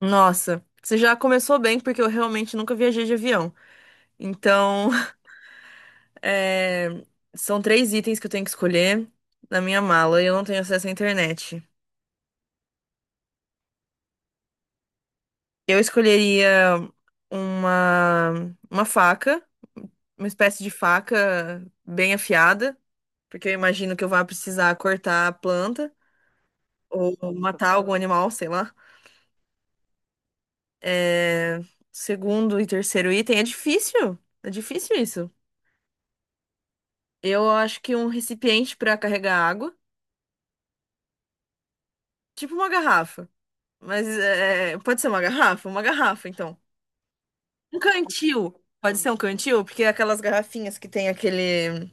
Nossa, você já começou bem, porque eu realmente nunca viajei de avião. Então, é, são três itens que eu tenho que escolher na minha mala e eu não tenho acesso à internet. Eu escolheria uma, uma faca, uma espécie de faca bem afiada, porque eu imagino que eu vá precisar cortar a planta ou matar algum animal, sei lá. É, Segundo e terceiro item, é difícil. É difícil isso. Eu acho que um recipiente para carregar água, tipo uma garrafa. Mas pode ser uma garrafa? Uma garrafa, então. Um cantil. Pode ser um cantil, porque é aquelas garrafinhas que tem aquele.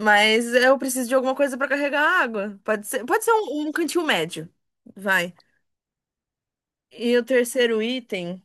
Mas eu preciso de alguma coisa para carregar água. Pode ser um cantil médio. Vai. E o terceiro item.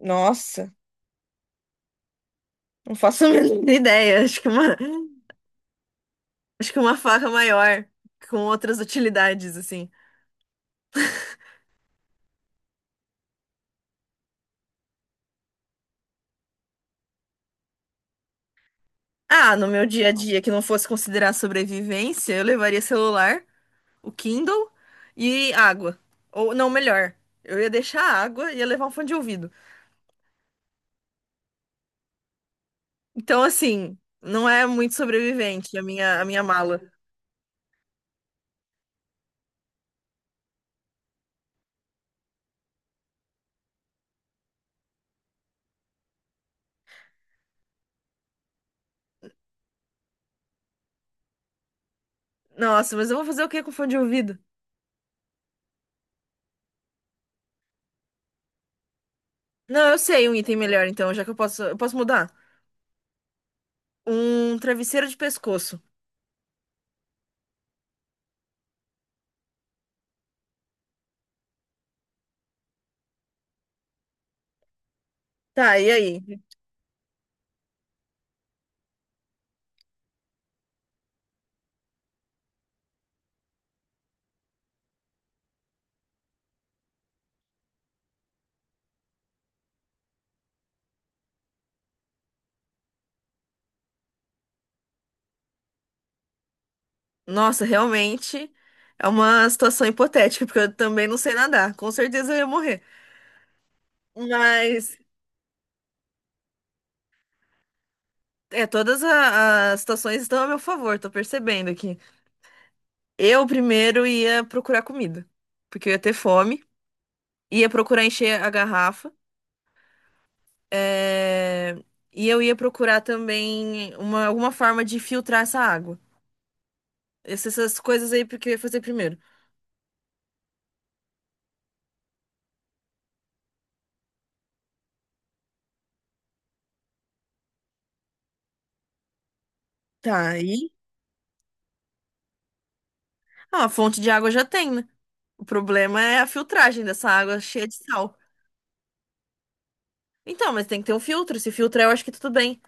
Nossa, não faço a menor ideia. Acho que uma faca maior, com outras utilidades, assim. Ah, no meu dia a dia, que não fosse considerar sobrevivência, eu levaria celular, o Kindle e água. Ou não, melhor, eu ia deixar a água e ia levar um fone de ouvido. Então, assim, não é muito sobrevivente a minha mala. Nossa, mas eu vou fazer o que com fone de ouvido? Não, eu sei um item melhor, então, já que eu posso mudar. Um travesseiro de pescoço. Tá, e aí? Nossa, realmente é uma situação hipotética, porque eu também não sei nadar. Com certeza eu ia morrer. Mas, todas as situações estão a meu favor, tô percebendo aqui. Eu primeiro ia procurar comida, porque eu ia ter fome, ia procurar encher a garrafa, é, e eu ia procurar também uma, alguma forma de filtrar essa água. Essas coisas aí porque eu ia fazer primeiro. Tá, aí. Ah, a fonte de água já tem, né? O problema é a filtragem dessa água cheia de sal. Então, mas tem que ter um filtro. Se filtrar, eu acho que tudo bem.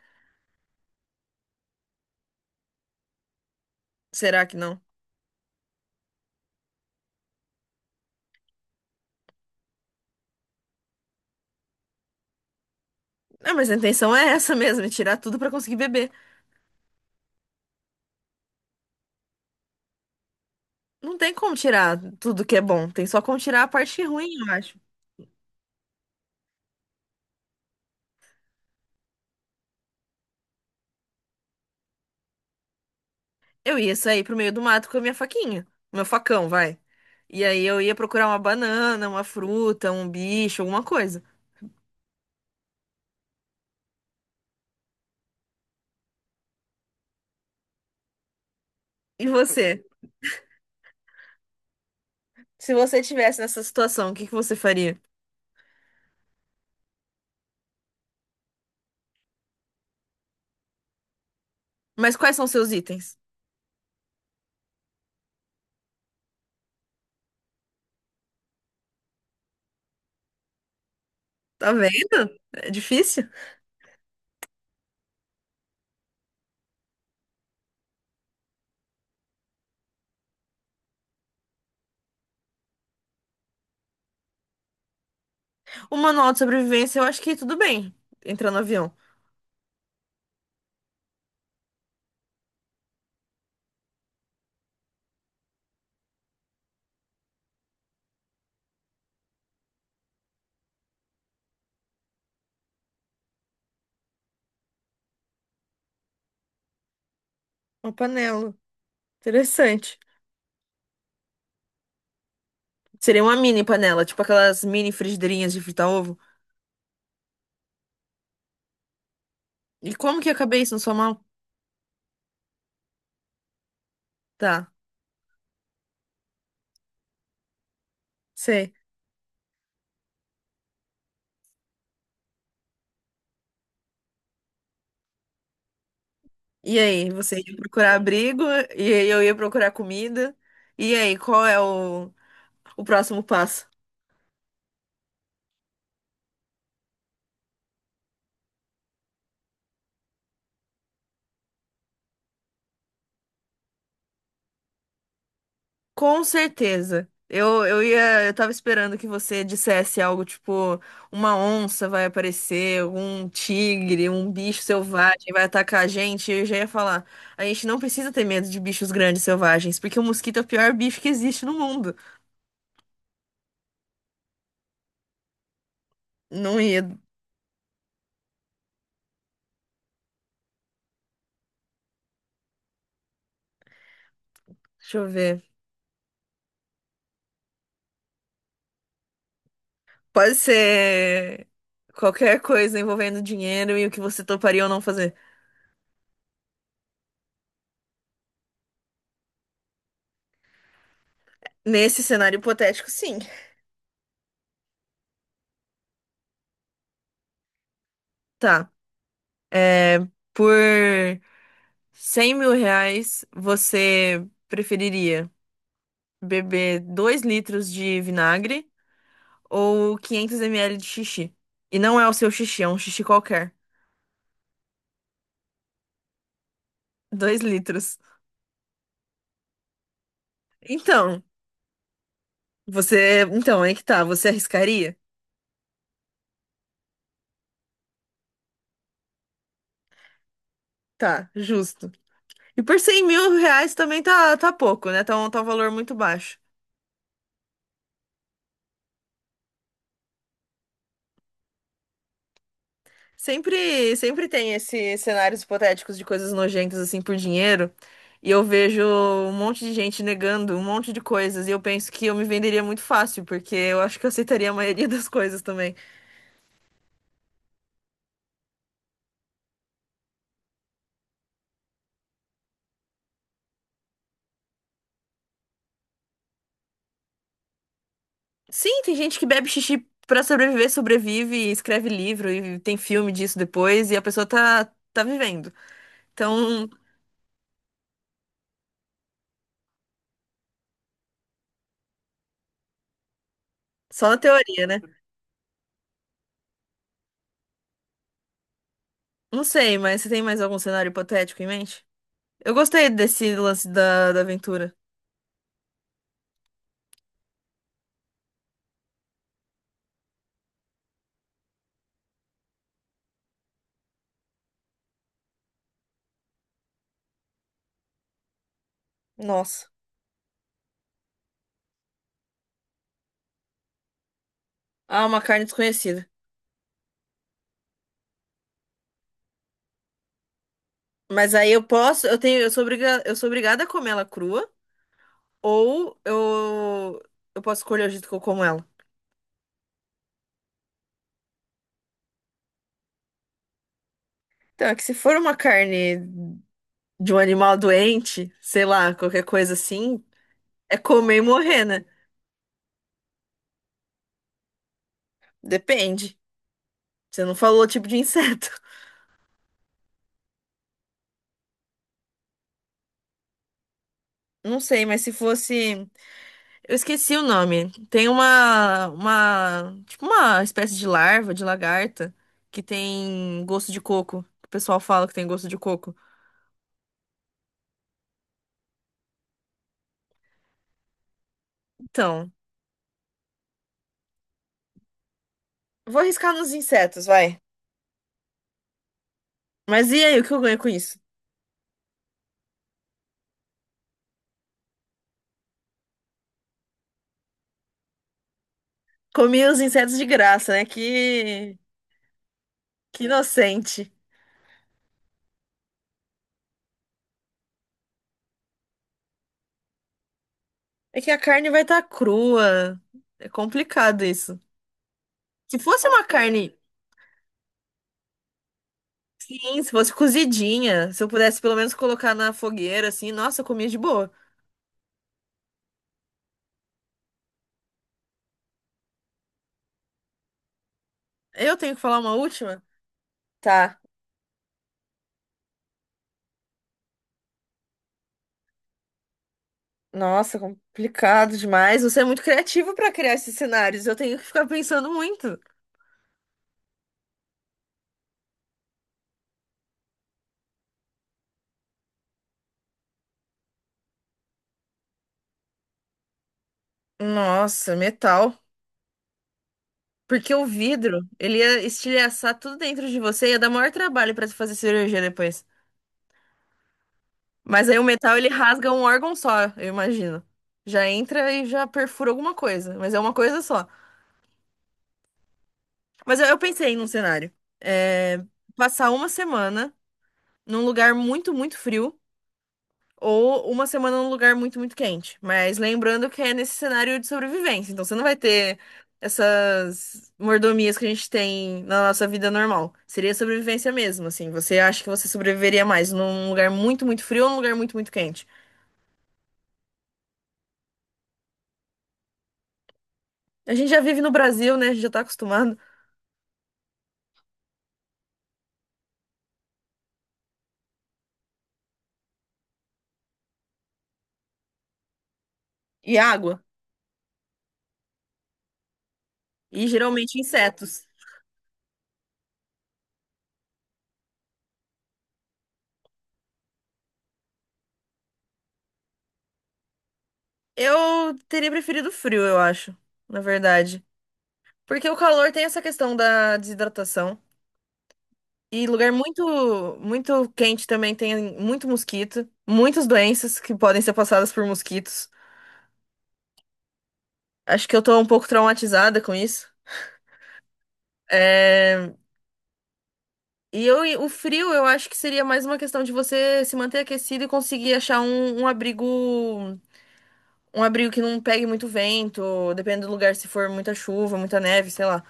Será que não? Ah, mas a intenção é essa mesmo, é tirar tudo pra conseguir beber. Não tem como tirar tudo que é bom, tem só como tirar a parte ruim, eu acho. Eu ia sair pro meio do mato com a minha faquinha, meu facão, vai. E aí eu ia procurar uma banana, uma fruta, um bicho, alguma coisa. E você? Se você tivesse nessa situação, o que que você faria? Mas quais são seus itens? Tá vendo? É difícil. O manual de sobrevivência, eu acho que tudo bem. Entrar no avião. Uma panela. Interessante. Seria uma mini panela, tipo aquelas mini frigideirinhas de fritar ovo. E como que eu acabei isso na sua mão? Tá, sei. E aí, você ia procurar abrigo, e aí eu ia procurar comida. E aí, qual é o próximo passo? Com certeza. Eu tava esperando que você dissesse algo tipo, uma onça vai aparecer, um tigre, um bicho selvagem vai atacar a gente. Eu já ia falar, a gente não precisa ter medo de bichos grandes selvagens, porque o mosquito é o pior bicho que existe no mundo. Não ia. Deixa eu ver. Pode ser qualquer coisa envolvendo dinheiro e o que você toparia ou não fazer. Nesse cenário hipotético, sim. Tá. É, por 100 mil reais, você preferiria beber 2 litros de vinagre ou 500 ml de xixi? E não é o seu xixi, é um xixi qualquer. 2 litros. Então, você. Então, aí que tá. Você arriscaria? Tá, justo. E por 100 mil reais também tá, pouco, né? Tá um valor muito baixo. Sempre, sempre tem esses cenários hipotéticos de coisas nojentas assim por dinheiro, e eu vejo um monte de gente negando um monte de coisas, e eu penso que eu me venderia muito fácil, porque eu acho que eu aceitaria a maioria das coisas também. Sim, tem gente que bebe xixi pra sobreviver, sobrevive, e escreve livro e tem filme disso depois, e a pessoa tá vivendo. Então, só na teoria, né? Não sei, mas você tem mais algum cenário hipotético em mente? Eu gostei desse lance da aventura. Nossa. Ah, uma carne desconhecida. Mas aí eu posso, eu tenho, eu sou obriga, eu sou obrigada a comer ela crua, ou eu posso escolher o jeito que eu como ela. Então, é que se for uma carne de um animal doente, sei lá, qualquer coisa assim, é comer e morrer, né? Depende. Você não falou o tipo de inseto. Não sei, mas se fosse. Eu esqueci o nome. Tem tipo uma espécie de larva, de lagarta, que tem gosto de coco. O pessoal fala que tem gosto de coco. Então, vou arriscar nos insetos, vai. Mas e aí, o que eu ganho com isso? Comi os insetos de graça, né? Que inocente. É que a carne vai estar crua. É complicado isso. Se fosse uma carne, sim, se fosse cozidinha, se eu pudesse pelo menos colocar na fogueira, assim, nossa, eu comia de boa. Eu tenho que falar uma última? Tá. Nossa, complicado demais. Você é muito criativo para criar esses cenários. Eu tenho que ficar pensando muito. Nossa, metal. Porque o vidro, ele ia estilhaçar tudo dentro de você, ia dar maior trabalho pra tu fazer cirurgia depois. Mas aí o metal, ele rasga um órgão só, eu imagino. Já entra e já perfura alguma coisa, mas é uma coisa só. Mas eu pensei num cenário. É, passar uma semana num lugar muito, muito frio. Ou uma semana num lugar muito, muito quente. Mas lembrando que é nesse cenário de sobrevivência. Então você não vai ter essas mordomias que a gente tem na nossa vida normal. Seria sobrevivência mesmo, assim. Você acha que você sobreviveria mais num lugar muito, muito frio ou num lugar muito, muito quente? A gente já vive no Brasil, né? A gente já tá acostumado. E água. E geralmente insetos. Eu teria preferido frio, eu acho. Na verdade. Porque o calor tem essa questão da desidratação. E lugar muito, muito quente também tem muito mosquito, muitas doenças que podem ser passadas por mosquitos. Acho que eu tô um pouco traumatizada com isso. É, e eu, e o frio, eu acho que seria mais uma questão de você se manter aquecido e conseguir achar um abrigo, um abrigo que não pegue muito vento, dependendo do lugar, se for muita chuva, muita neve, sei lá.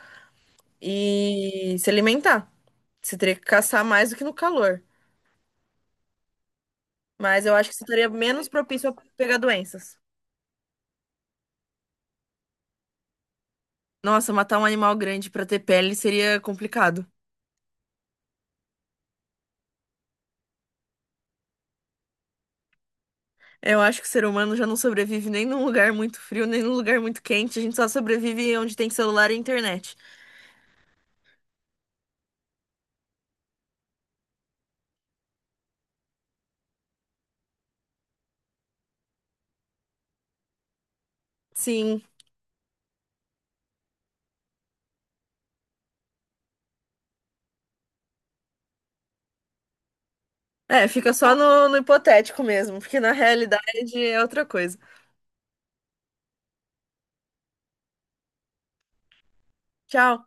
E se alimentar. Você teria que caçar mais do que no calor. Mas eu acho que você estaria menos propício a pegar doenças. Nossa, matar um animal grande pra ter pele seria complicado. Eu acho que o ser humano já não sobrevive nem num lugar muito frio, nem num lugar muito quente. A gente só sobrevive onde tem celular e internet. Sim. É, fica só no hipotético mesmo, porque na realidade é outra coisa. Tchau.